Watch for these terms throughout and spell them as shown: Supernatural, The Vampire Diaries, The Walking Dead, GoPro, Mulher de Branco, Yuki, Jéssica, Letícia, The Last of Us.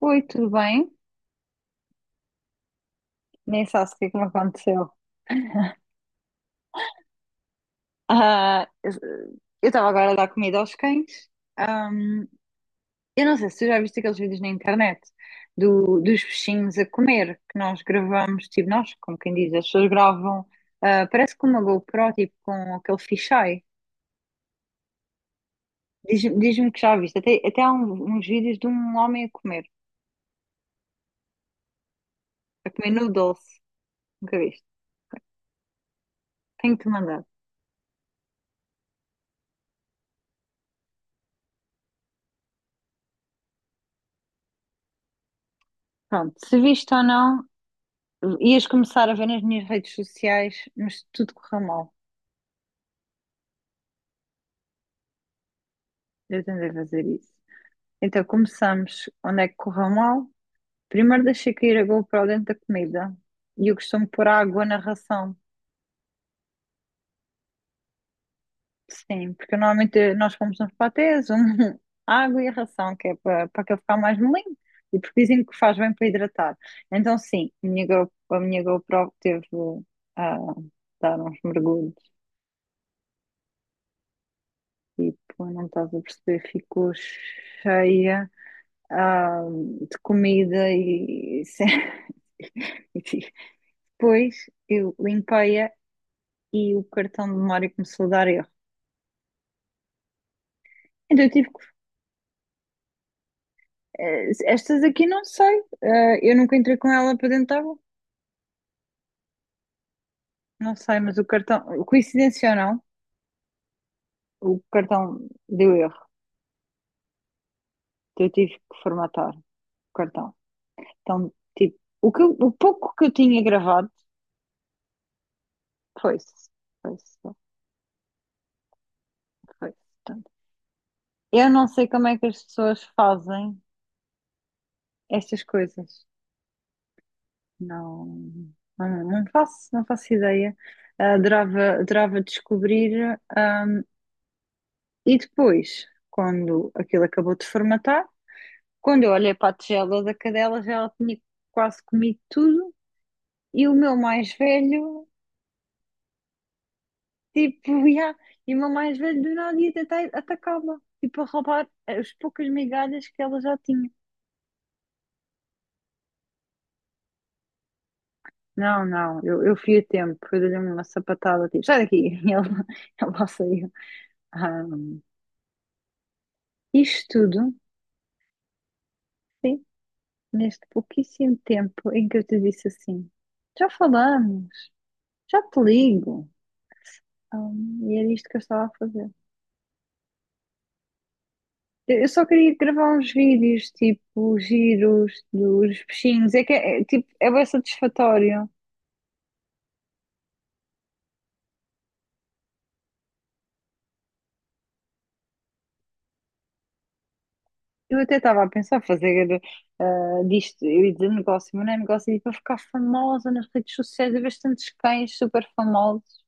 Oi, tudo bem? Nem sabes o que é que me aconteceu. Ah, eu eu estava agora a dar comida aos cães. Eu não sei se tu já viste aqueles vídeos na internet dos peixinhos a comer, que nós gravamos, tipo nós, como quem diz, as pessoas gravam, parece com uma GoPro, tipo com aquele fisheye. Diz-me que já viste. Até há uns vídeos de um homem a comer noodles. Nunca viste. Tenho-te mandado. Pronto, se viste ou não, ias começar a ver nas minhas redes sociais, mas tudo correu mal. Eu tentei fazer isso. Então começamos onde é que correu mal. Primeiro deixei cair a GoPro dentro da comida. E eu costumo pôr água na ração. Sim, porque normalmente nós pomos uns patês, um, água e a ração, que é para aquele ficar mais molinho. E porque dizem que faz bem para hidratar. Então sim, a minha, a minha GoPro teve a dar uns mergulhos. Tipo, não estás a perceber, ficou cheia. ah, de comida e. Enfim. Depois eu limpei-a e o cartão de memória começou a dar erro. Então eu tive que. Estas aqui não sei. Eu nunca entrei com ela para dentro da água. Não sei, mas o cartão. Coincidência ou não, o cartão deu erro. Então eu tive que formatar o cartão. Então, tipo, o pouco que eu tinha gravado foi-se. Foi-se. Foi-se. Portanto, eu não sei como é que as pessoas fazem estas coisas. Não, não, não faço ideia. Adorava, adorava descobrir. E depois, quando aquilo acabou de formatar, quando eu olhei para a tigela da cadela, já ela tinha quase comido tudo. E o meu mais velho, tipo, ia, e o meu mais velho do nada ia tentar atacá-la, tipo, a roubar as poucas migalhas que ela já tinha. Não, não, eu fui a tempo, eu dei-lhe uma sapatada, tipo, sai daqui, e ela, saiu. Ah, isto tudo. Sim, neste pouquíssimo tempo em que eu te disse assim: já falamos, já te ligo. E era isto que eu estava a fazer. Eu só queria gravar uns vídeos, tipo, giros dos peixinhos. É que é, tipo, é bem satisfatório. Eu até estava a pensar fazer disto, eu ia dizer negócio, mas não é negócio, é para ficar famosa nas redes sociais. Eu vejo tantos cães super famosos.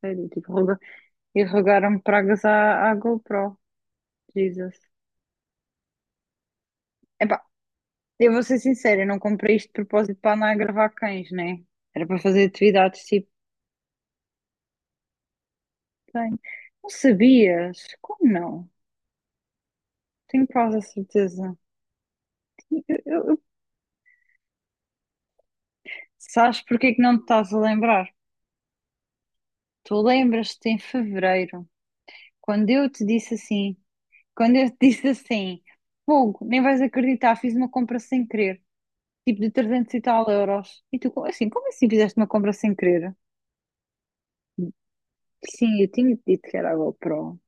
Sério, tipo, e rogaram-me pragas à GoPro. Jesus. Eu vou ser sincera, eu não comprei isto de propósito para andar a gravar cães, né? Era para fazer atividades tipo cães. Não sabias? Como não? Tenho quase a certeza. Eu, eu- Sabes porque é que não te estás a lembrar? Tu lembras-te em fevereiro, quando eu te disse assim, quando eu te disse assim, Fogo, nem vais acreditar, fiz uma compra sem querer, tipo de 300 e tal euros. E tu, assim, como assim fizeste uma compra sem querer? Sim, eu tinha-te dito que era a GoPro.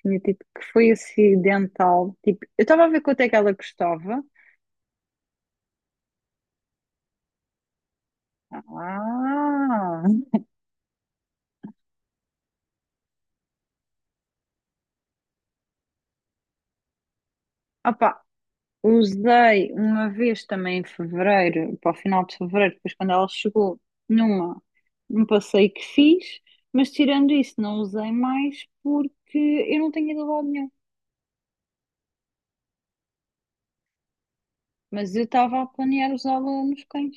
Tinha tipo que foi acidental. Tipo, eu estava a ver quanto é que ela custava. Ah, opá, usei uma vez também em fevereiro, para o final de fevereiro, depois quando ela chegou, numa, num passeio que fiz, mas tirando isso, não usei mais porque eu não tenho ido a lado nenhum. Mas eu estava a planear usá-la nos cães.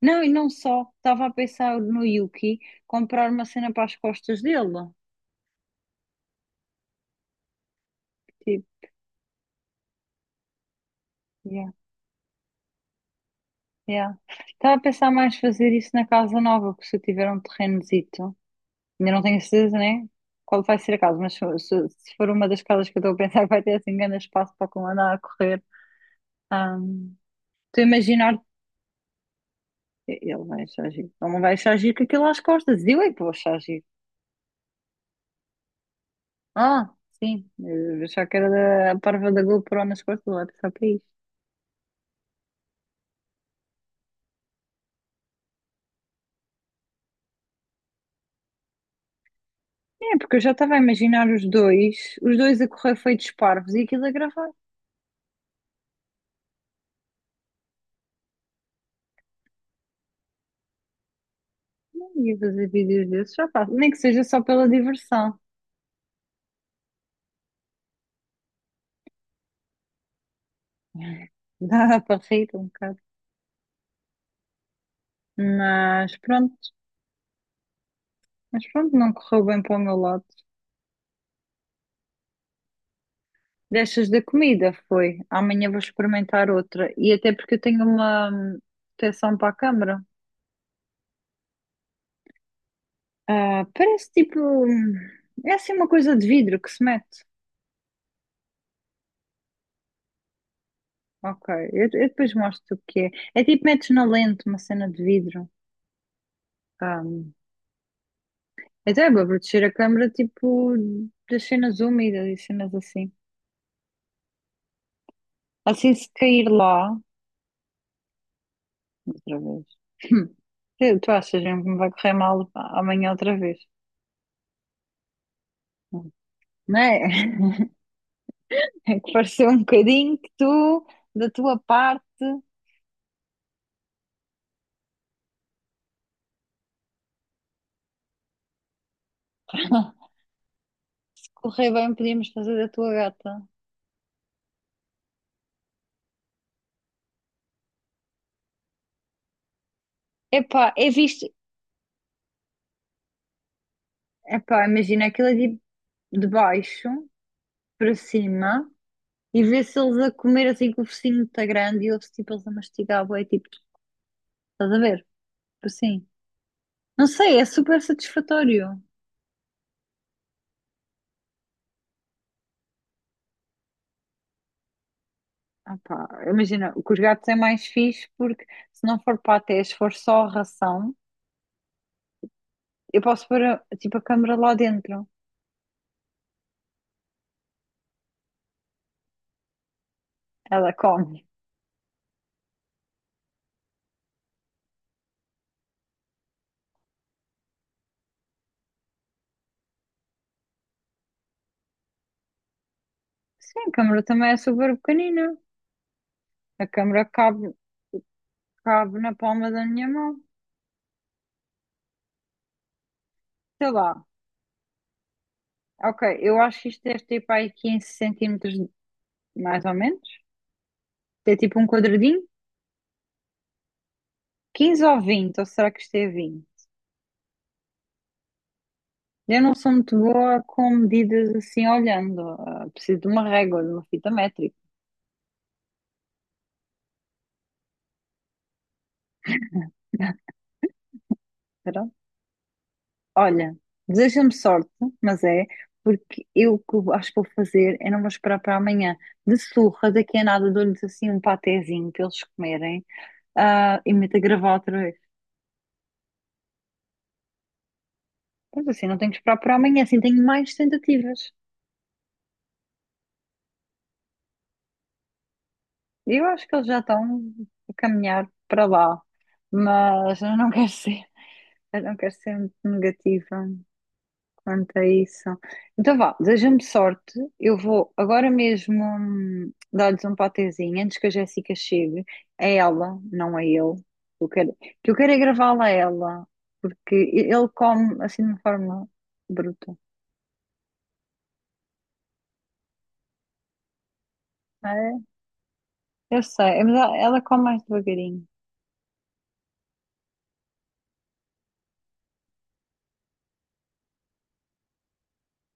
Não, e não só. Estava a pensar no Yuki comprar uma cena para as costas dele. Tipo, yeah. Yeah. Estava a pensar mais fazer isso na casa nova, porque se eu tiver um terrenozito, ainda não tenho certeza, né? Qual vai ser a casa, mas se for uma das casas que eu estou a pensar, vai ter assim grande espaço para como andar a correr. Ahm, Estou a imaginar, ele vai achar giro, ele não vai achar giro com aquilo às costas, e eu é que vou achar giro. Ah, sim, eu achava que era a parva da GoPro nas costas, ele vai pensar para isso. É, porque eu já estava a imaginar os dois a correr feitos parvos e aquilo a gravar. E fazer vídeos desses, já faço. Nem que seja só pela diversão. Dá para rir um bocado. Mas pronto, mas pronto, não correu bem para o meu lado. Destas da comida foi. Amanhã vou experimentar outra. E até porque eu tenho uma proteção para a câmara. Parece tipo. É assim uma coisa de vidro que se mete. Ok, eu depois mostro o que é. É tipo metes na lente uma cena de vidro. Ah, até é para proteger a câmara tipo das cenas úmidas e cenas assim. Assim, se cair lá, outra vez. Tu achas mesmo que me vai correr mal amanhã outra vez? Não é? É que pareceu um bocadinho que tu, da tua parte, se correr bem, podíamos fazer da tua gata. Epá, é visto. Epá, imagina aquilo é tipo de baixo para cima e ver se eles a comer assim com o focinho está grande e ouve-se tipo eles a mastigar, bué, tipo, estás a ver? Tipo assim. Não sei, é super satisfatório. Ah pá, imagina, o que os gatos é mais fixe porque se não for patê, se for só ração, eu posso pôr tipo a câmara lá dentro. Ela come. Sim, a câmara também é super pequenina. A câmara cabe na palma da minha mão. Sei lá. Ok, eu acho que isto deve ter para aí 15 centímetros, mais ou menos. É tipo um quadradinho. 15 ou 20 ou será que isto é 20. Eu não sou muito boa com medidas assim olhando. Ah, preciso de uma régua, de uma fita métrica. Olha, deseja-me sorte, mas é, porque eu o que eu acho que vou fazer é não vou esperar para amanhã. De surra, daqui a nada dou-lhes assim um patezinho para eles comerem, e meto a gravar outra vez. Mas assim, não tenho que esperar para amanhã, assim tenho mais tentativas. Eu acho que eles já estão a caminhar para lá, mas eu não quero ser muito negativa. Quanto a isso. Então vá, deseja-me sorte. Eu vou agora mesmo dar-lhes um patezinho antes que a Jéssica chegue. É ela, não é eu. Eu quero, que eu quero é gravá-la a ela, porque ele come assim de uma forma bruta. É, eu sei, mas ela come mais devagarinho.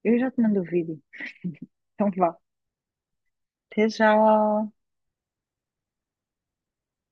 Eu já te mando o vídeo. Então vá, até já.